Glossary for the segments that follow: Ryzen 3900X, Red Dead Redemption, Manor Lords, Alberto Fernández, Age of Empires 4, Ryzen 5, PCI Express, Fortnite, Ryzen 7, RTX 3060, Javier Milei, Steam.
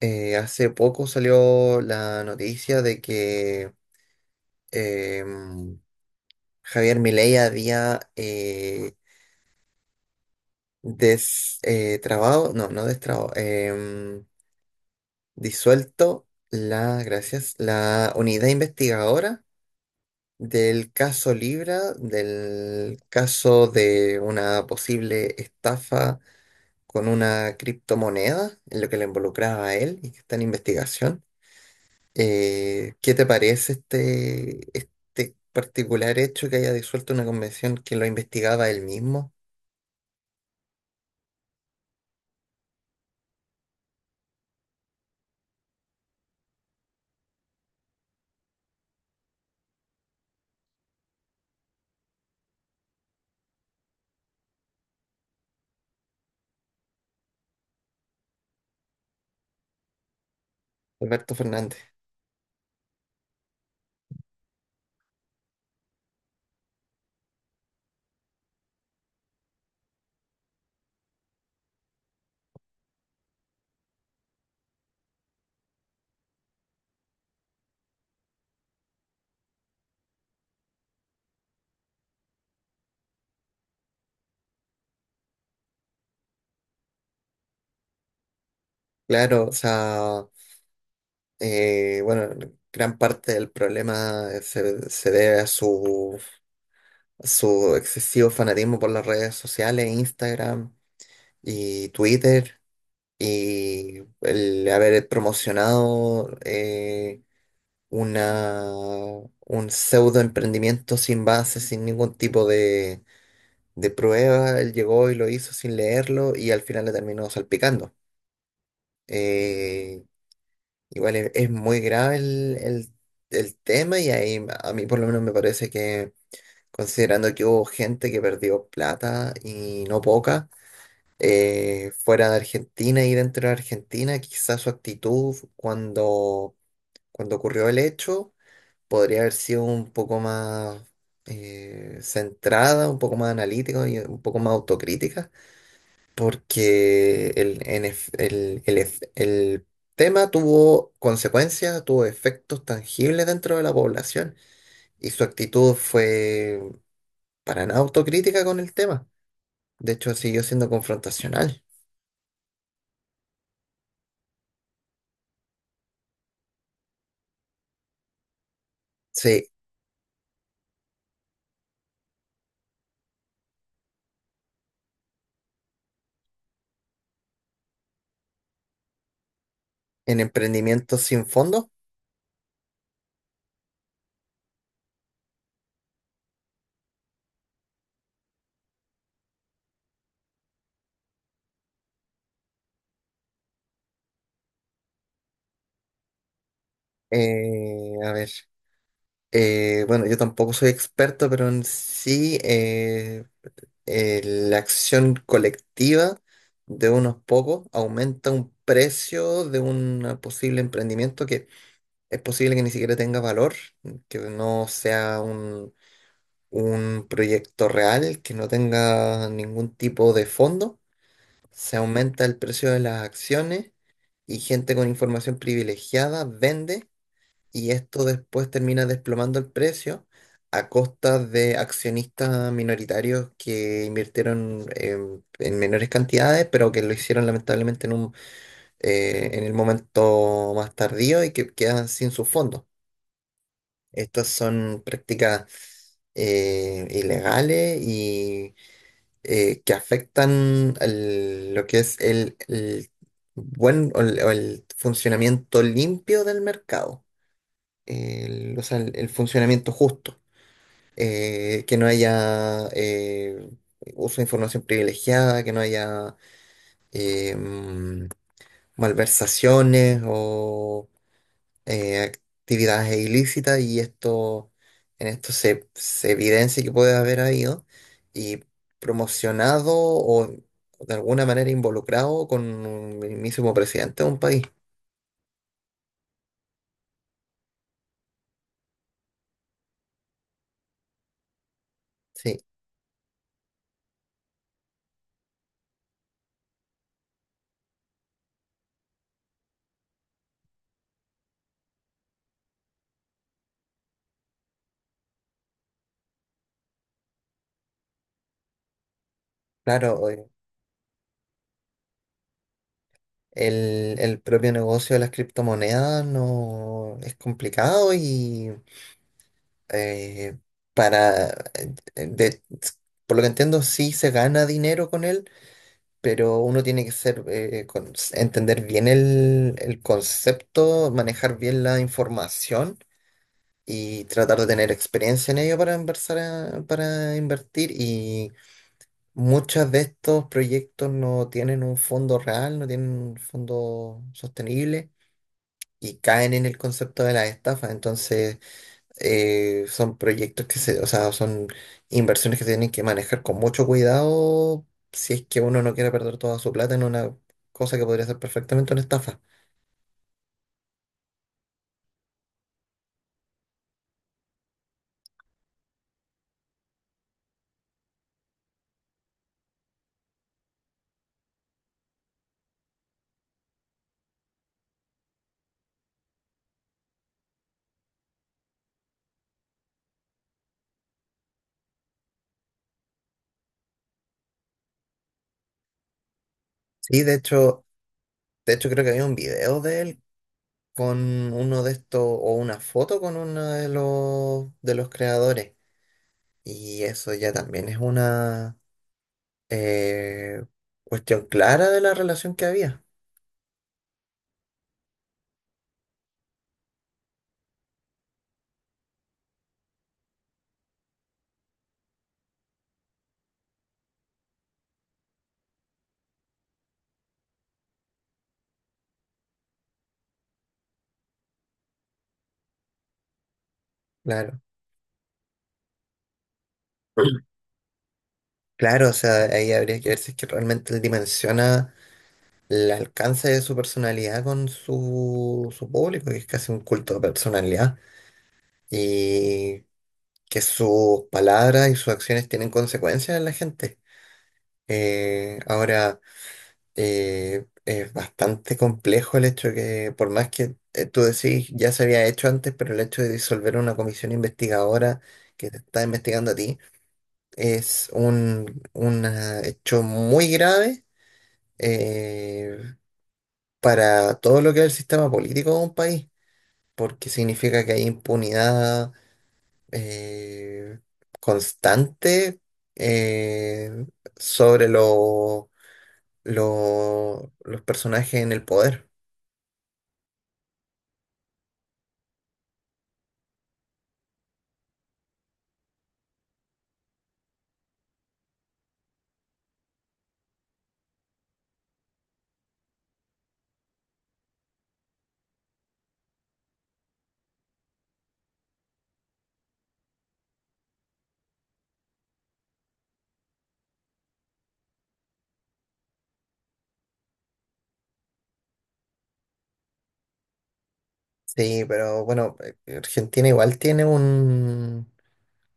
Hace poco salió la noticia de que em, Javier Milei había trabado, no, no destrabado, disuelto la, gracias, la unidad investigadora del caso Libra, del caso de una posible estafa con una criptomoneda, en lo que le involucraba a él y que está en investigación. ¿Qué te parece este particular hecho que haya disuelto una convención que lo investigaba él mismo, Alberto Fernández? Claro, o sea, bueno, gran parte del problema se debe a a su excesivo fanatismo por las redes sociales, Instagram y Twitter, y el haber promocionado una, un pseudo emprendimiento sin base, sin ningún tipo de prueba, él llegó y lo hizo sin leerlo y al final le terminó salpicando. Eh, igual es muy grave el tema y ahí a mí por lo menos me parece que considerando que hubo gente que perdió plata y no poca, fuera de Argentina y dentro de Argentina, quizás su actitud cuando, cuando ocurrió el hecho podría haber sido un poco más centrada, un poco más analítica y un poco más autocrítica porque el, NF el, el ef- el tema tuvo consecuencias, tuvo efectos tangibles dentro de la población y su actitud fue para nada autocrítica con el tema. De hecho, siguió siendo confrontacional. Sí, en emprendimientos sin fondo. A ver, bueno, yo tampoco soy experto, pero en sí la acción colectiva de unos pocos aumenta un precio de un posible emprendimiento que es posible que ni siquiera tenga valor, que no sea un proyecto real, que no tenga ningún tipo de fondo. Se aumenta el precio de las acciones y gente con información privilegiada vende y esto después termina desplomando el precio a costa de accionistas minoritarios que invirtieron en menores cantidades, pero que lo hicieron lamentablemente en en el momento más tardío y que quedan sin sus fondos. Estas son prácticas ilegales y que afectan al- lo que es el buen o el funcionamiento limpio del mercado o sea, el funcionamiento justo. Que no haya uso de información privilegiada, que no haya eh, mm, malversaciones o eh, actividades ilícitas y esto en esto se evidencia que puede haber habido y promocionado o de alguna manera involucrado con un mismísimo presidente de un país. Sí, claro. El propio negocio de las criptomonedas no es complicado y eh, para, eh, eh, de- por lo que entiendo, sí se gana dinero con él, pero uno tiene que ser, entender bien el concepto, manejar bien la información y tratar de tener experiencia en ello para para invertir. Y muchos de estos proyectos no tienen un fondo real, no tienen un fondo sostenible y caen en el concepto de la estafa. Entonces son proyectos que se, o sea, son inversiones que se tienen que manejar con mucho cuidado si es que uno no quiere perder toda su plata en una cosa que podría ser perfectamente una estafa. Sí, de hecho creo que había un video de él con uno de estos, o una foto con uno de los creadores. Y eso ya también es una eh, cuestión clara de la relación que había. Claro. Claro, o sea, ahí habría que ver si es que realmente él dimensiona el alcance de su personalidad con su, su público, que es casi un culto de personalidad, y que sus palabras y sus acciones tienen consecuencias en la gente. Ahora, es bastante complejo el hecho de que, por más que tú decís, ya se había hecho antes, pero el hecho de disolver una comisión investigadora que te está investigando a ti es un hecho muy grave. eh, para todo lo que es el sistema político de un país, porque significa que hay impunidad eh, constante eh, sobre los personajes en el poder. Sí, pero bueno, Argentina igual tiene un,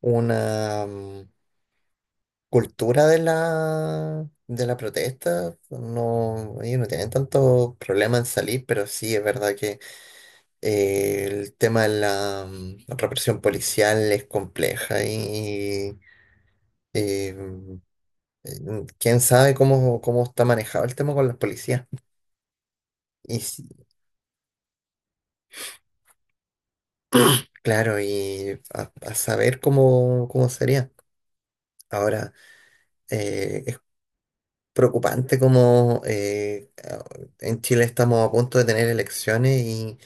una mm, cultura de de la protesta. No, ellos no tienen tanto problema en salir, pero sí es verdad que el tema de la represión policial es compleja y Eh, quién sabe cómo, cómo está manejado el tema con las policías. Y si- claro, y a saber cómo, cómo sería. Ahora, es preocupante como en Chile estamos a punto de tener elecciones y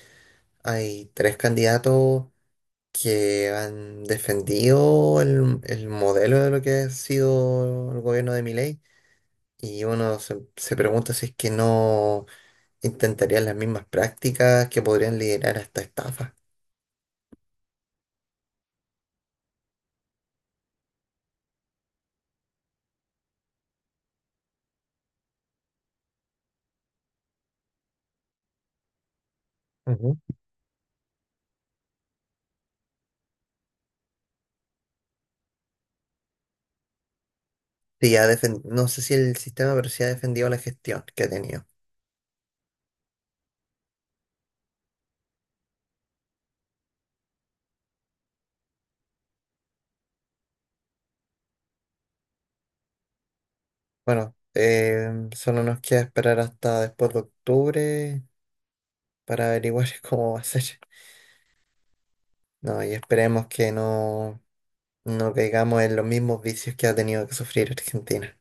hay tres candidatos que han defendido el modelo de lo que ha sido el gobierno de Milei. Y uno se pregunta si es que no intentarían las mismas prácticas que podrían liderar hasta estafas. Ujú. Sí, ha defen- no sé si el sistema, pero sí ha defendido la gestión que ha tenido. Bueno, solo nos queda esperar hasta después de octubre para averiguar cómo va a ser. No, y esperemos que no, no caigamos en los mismos vicios que ha tenido que sufrir Argentina.